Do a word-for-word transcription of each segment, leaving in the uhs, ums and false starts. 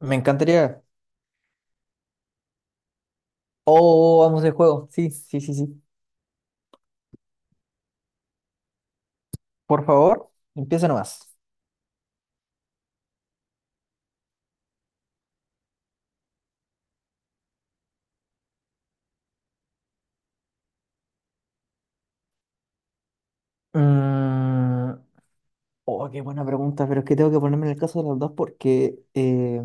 Me encantaría. Oh, vamos de juego. Sí, sí, sí, sí. Por favor, empieza nomás. Mm, oh, qué buena pregunta, pero es que tengo que ponerme en el caso de las dos porque eh,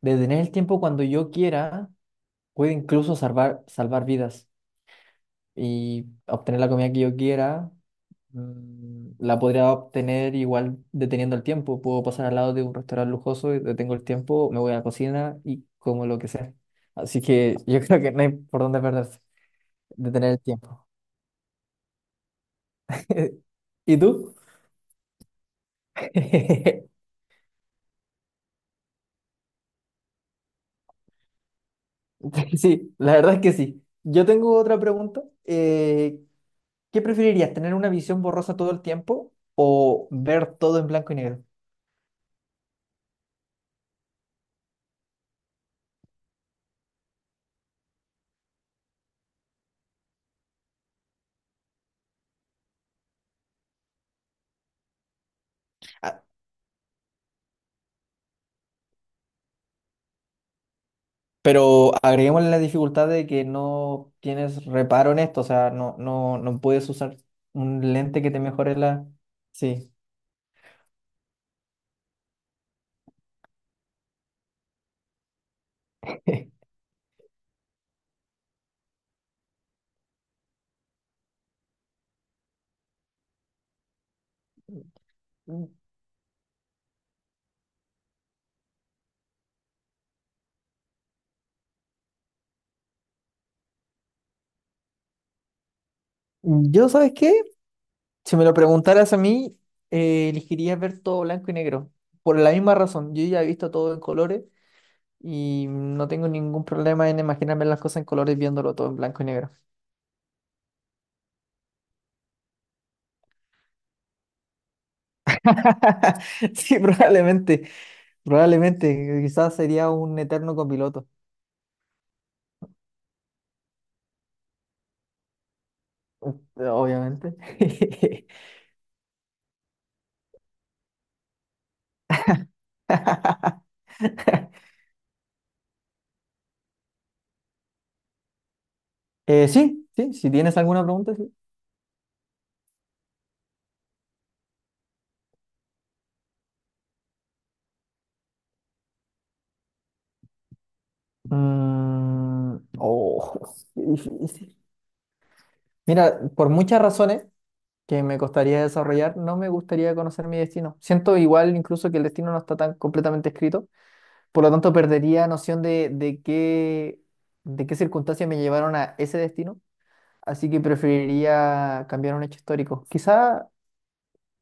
detener el tiempo cuando yo quiera puede incluso salvar, salvar vidas y obtener la comida que yo quiera. mm, la podría obtener igual deteniendo el tiempo. Puedo pasar al lado de un restaurante lujoso y detengo el tiempo, me voy a la cocina y como lo que sea. Así que yo creo que no hay por dónde perderse. De tener el tiempo. ¿Y tú? Sí, la verdad es que sí. Yo tengo otra pregunta. eh, ¿qué preferirías, tener una visión borrosa todo el tiempo o ver todo en blanco y negro? Ah, pero agreguemos la dificultad de que no tienes reparo en esto, o sea, no, no, no puedes usar un lente que te mejore la... Sí. Yo, ¿sabes qué? Si me lo preguntaras a mí, eh, elegiría ver todo blanco y negro. Por la misma razón, yo ya he visto todo en colores y no tengo ningún problema en imaginarme las cosas en colores viéndolo todo en blanco y negro. Sí, probablemente, probablemente, quizás sería un eterno copiloto, obviamente. Eh, sí, sí, si tienes alguna pregunta, sí. Mm, oh, qué difícil. Mira, por muchas razones, que me costaría desarrollar, no me gustaría conocer mi destino. Siento igual incluso que el destino no está tan completamente escrito, por lo tanto perdería noción de, de qué, de qué circunstancias me llevaron a ese destino, así que preferiría cambiar un hecho histórico. Quizá,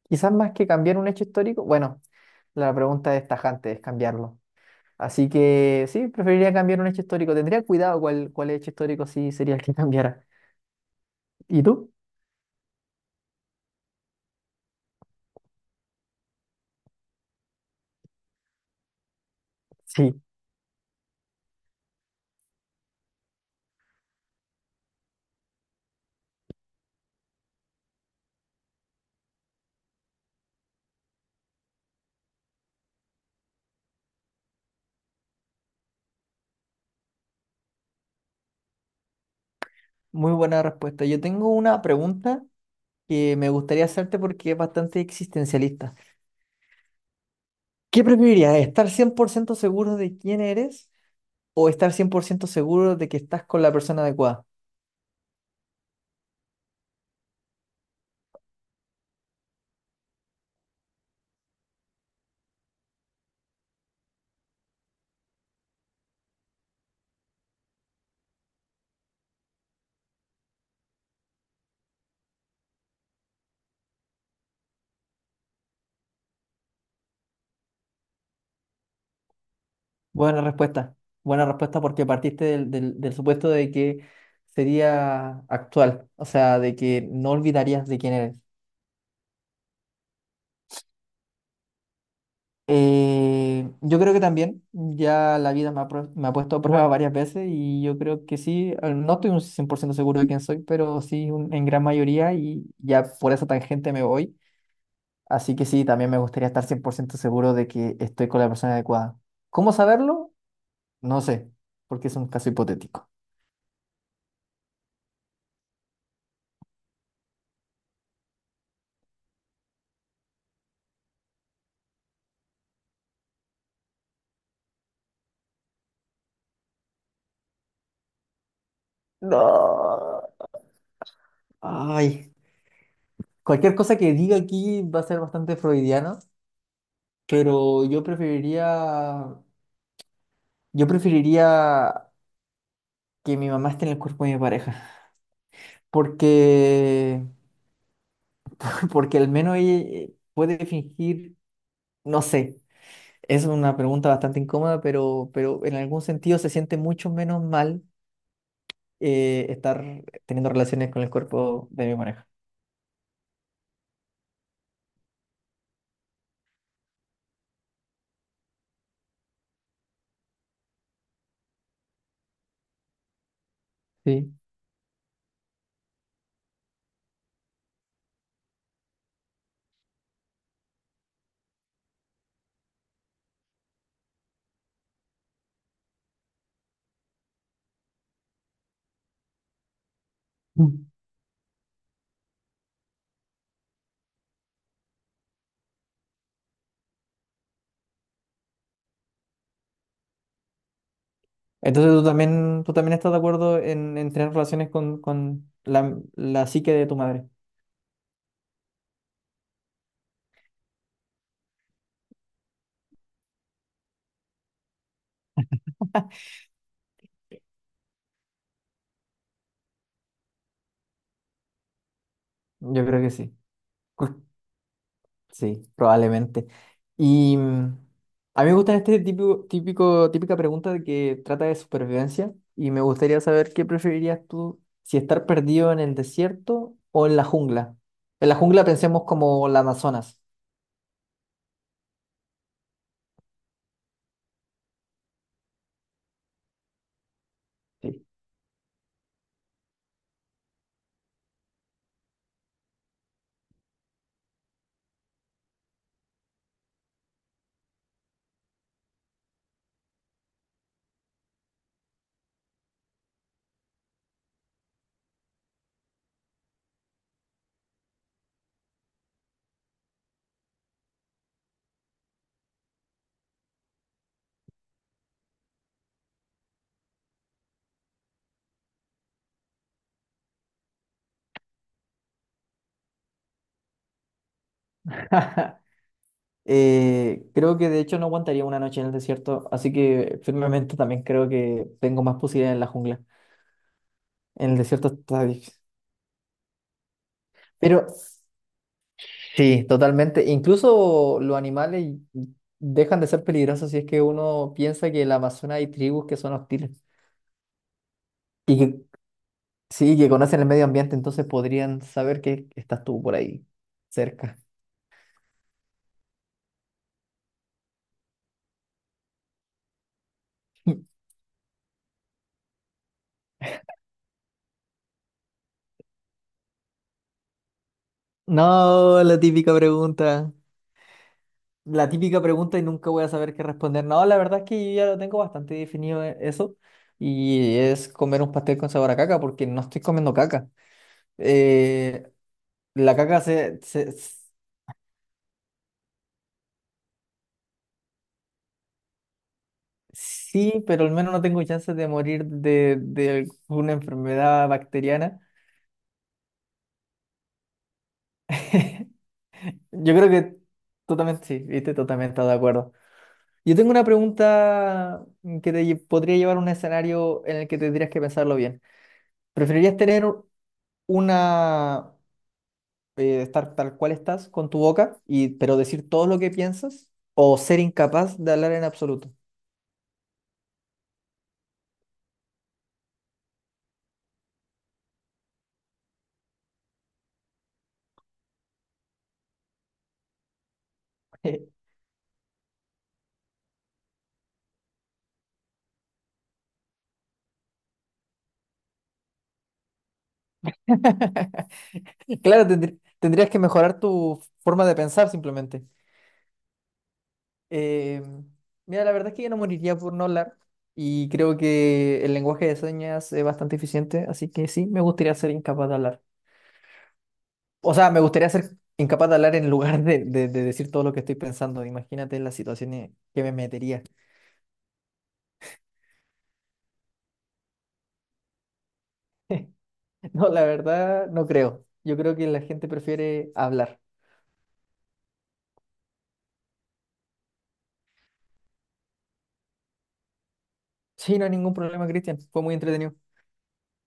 quizás más que cambiar un hecho histórico, bueno, la pregunta es tajante, es cambiarlo. Así que sí, preferiría cambiar un hecho histórico. Tendría cuidado cuál, cuál hecho histórico sí sería el que cambiara. ¿Y tú? Sí, muy buena respuesta. Yo tengo una pregunta que me gustaría hacerte porque es bastante existencialista. ¿Qué preferirías? ¿Estar cien por ciento seguro de quién eres o estar cien por ciento seguro de que estás con la persona adecuada? Buena respuesta. Buena respuesta porque partiste del, del, del supuesto de que sería actual, o sea, de que no olvidarías de quién eres. Eh, yo creo que también, ya la vida me ha, pro- me ha puesto a prueba varias veces y yo creo que sí, al- no estoy un cien por ciento seguro de quién soy, pero sí un- en gran mayoría y ya por esa tangente me voy. Así que sí, también me gustaría estar cien por ciento seguro de que estoy con la persona adecuada. ¿Cómo saberlo? No sé, porque es un caso hipotético. No. Ay, cualquier cosa que diga aquí va a ser bastante freudiano, pero yo preferiría, yo preferiría que mi mamá esté en el cuerpo de mi pareja, porque, porque al menos ella puede fingir, no sé, es una pregunta bastante incómoda, pero, pero en algún sentido se siente mucho menos mal eh, estar teniendo relaciones con el cuerpo de mi pareja. Sí. Mm. Entonces tú también, tú también estás de acuerdo en, en tener relaciones con, con la, la psique de tu madre. Yo creo que sí. Cu- Sí, probablemente. Y mm, a mí me gusta este típico, típico, típica pregunta de que trata de supervivencia y me gustaría saber qué preferirías tú, si estar perdido en el desierto o en la jungla. En la jungla pensemos como la Amazonas. Sí. Eh, creo que de hecho no aguantaría una noche en el desierto, así que firmemente también creo que tengo más posibilidades en la jungla. En el desierto está difícil. Pero sí, totalmente. Incluso los animales dejan de ser peligrosos si es que uno piensa que en la Amazonas hay tribus que son hostiles y que sí, que conocen el medio ambiente, entonces podrían saber que estás tú por ahí cerca. No, la típica pregunta. La típica pregunta y nunca voy a saber qué responder. No, la verdad es que yo ya lo tengo bastante definido e- eso. Y es comer un pastel con sabor a caca, porque no estoy comiendo caca. Eh, la caca se, se- s- sí, pero al menos no tengo chances de morir de, de una enfermedad bacteriana. Yo creo que totalmente sí, viste, totalmente de acuerdo. Yo tengo una pregunta que te lle- podría llevar a un escenario en el que tendrías que pensarlo bien. ¿Preferirías tener una eh, estar tal cual estás con tu boca, y, pero decir todo lo que piensas o ser incapaz de hablar en absoluto? Claro, tendr- tendrías que mejorar tu forma de pensar simplemente. Eh, mira, la verdad es que yo no moriría por no hablar y creo que el lenguaje de señas es bastante eficiente, así que sí, me gustaría ser incapaz de hablar. O sea, me gustaría ser incapaz de hablar en lugar de, de- de decir todo lo que estoy pensando. Imagínate las situaciones que me metería. No, la verdad, no creo. Yo creo que la gente prefiere hablar. Sí, no hay ningún problema, Cristian. Fue muy entretenido.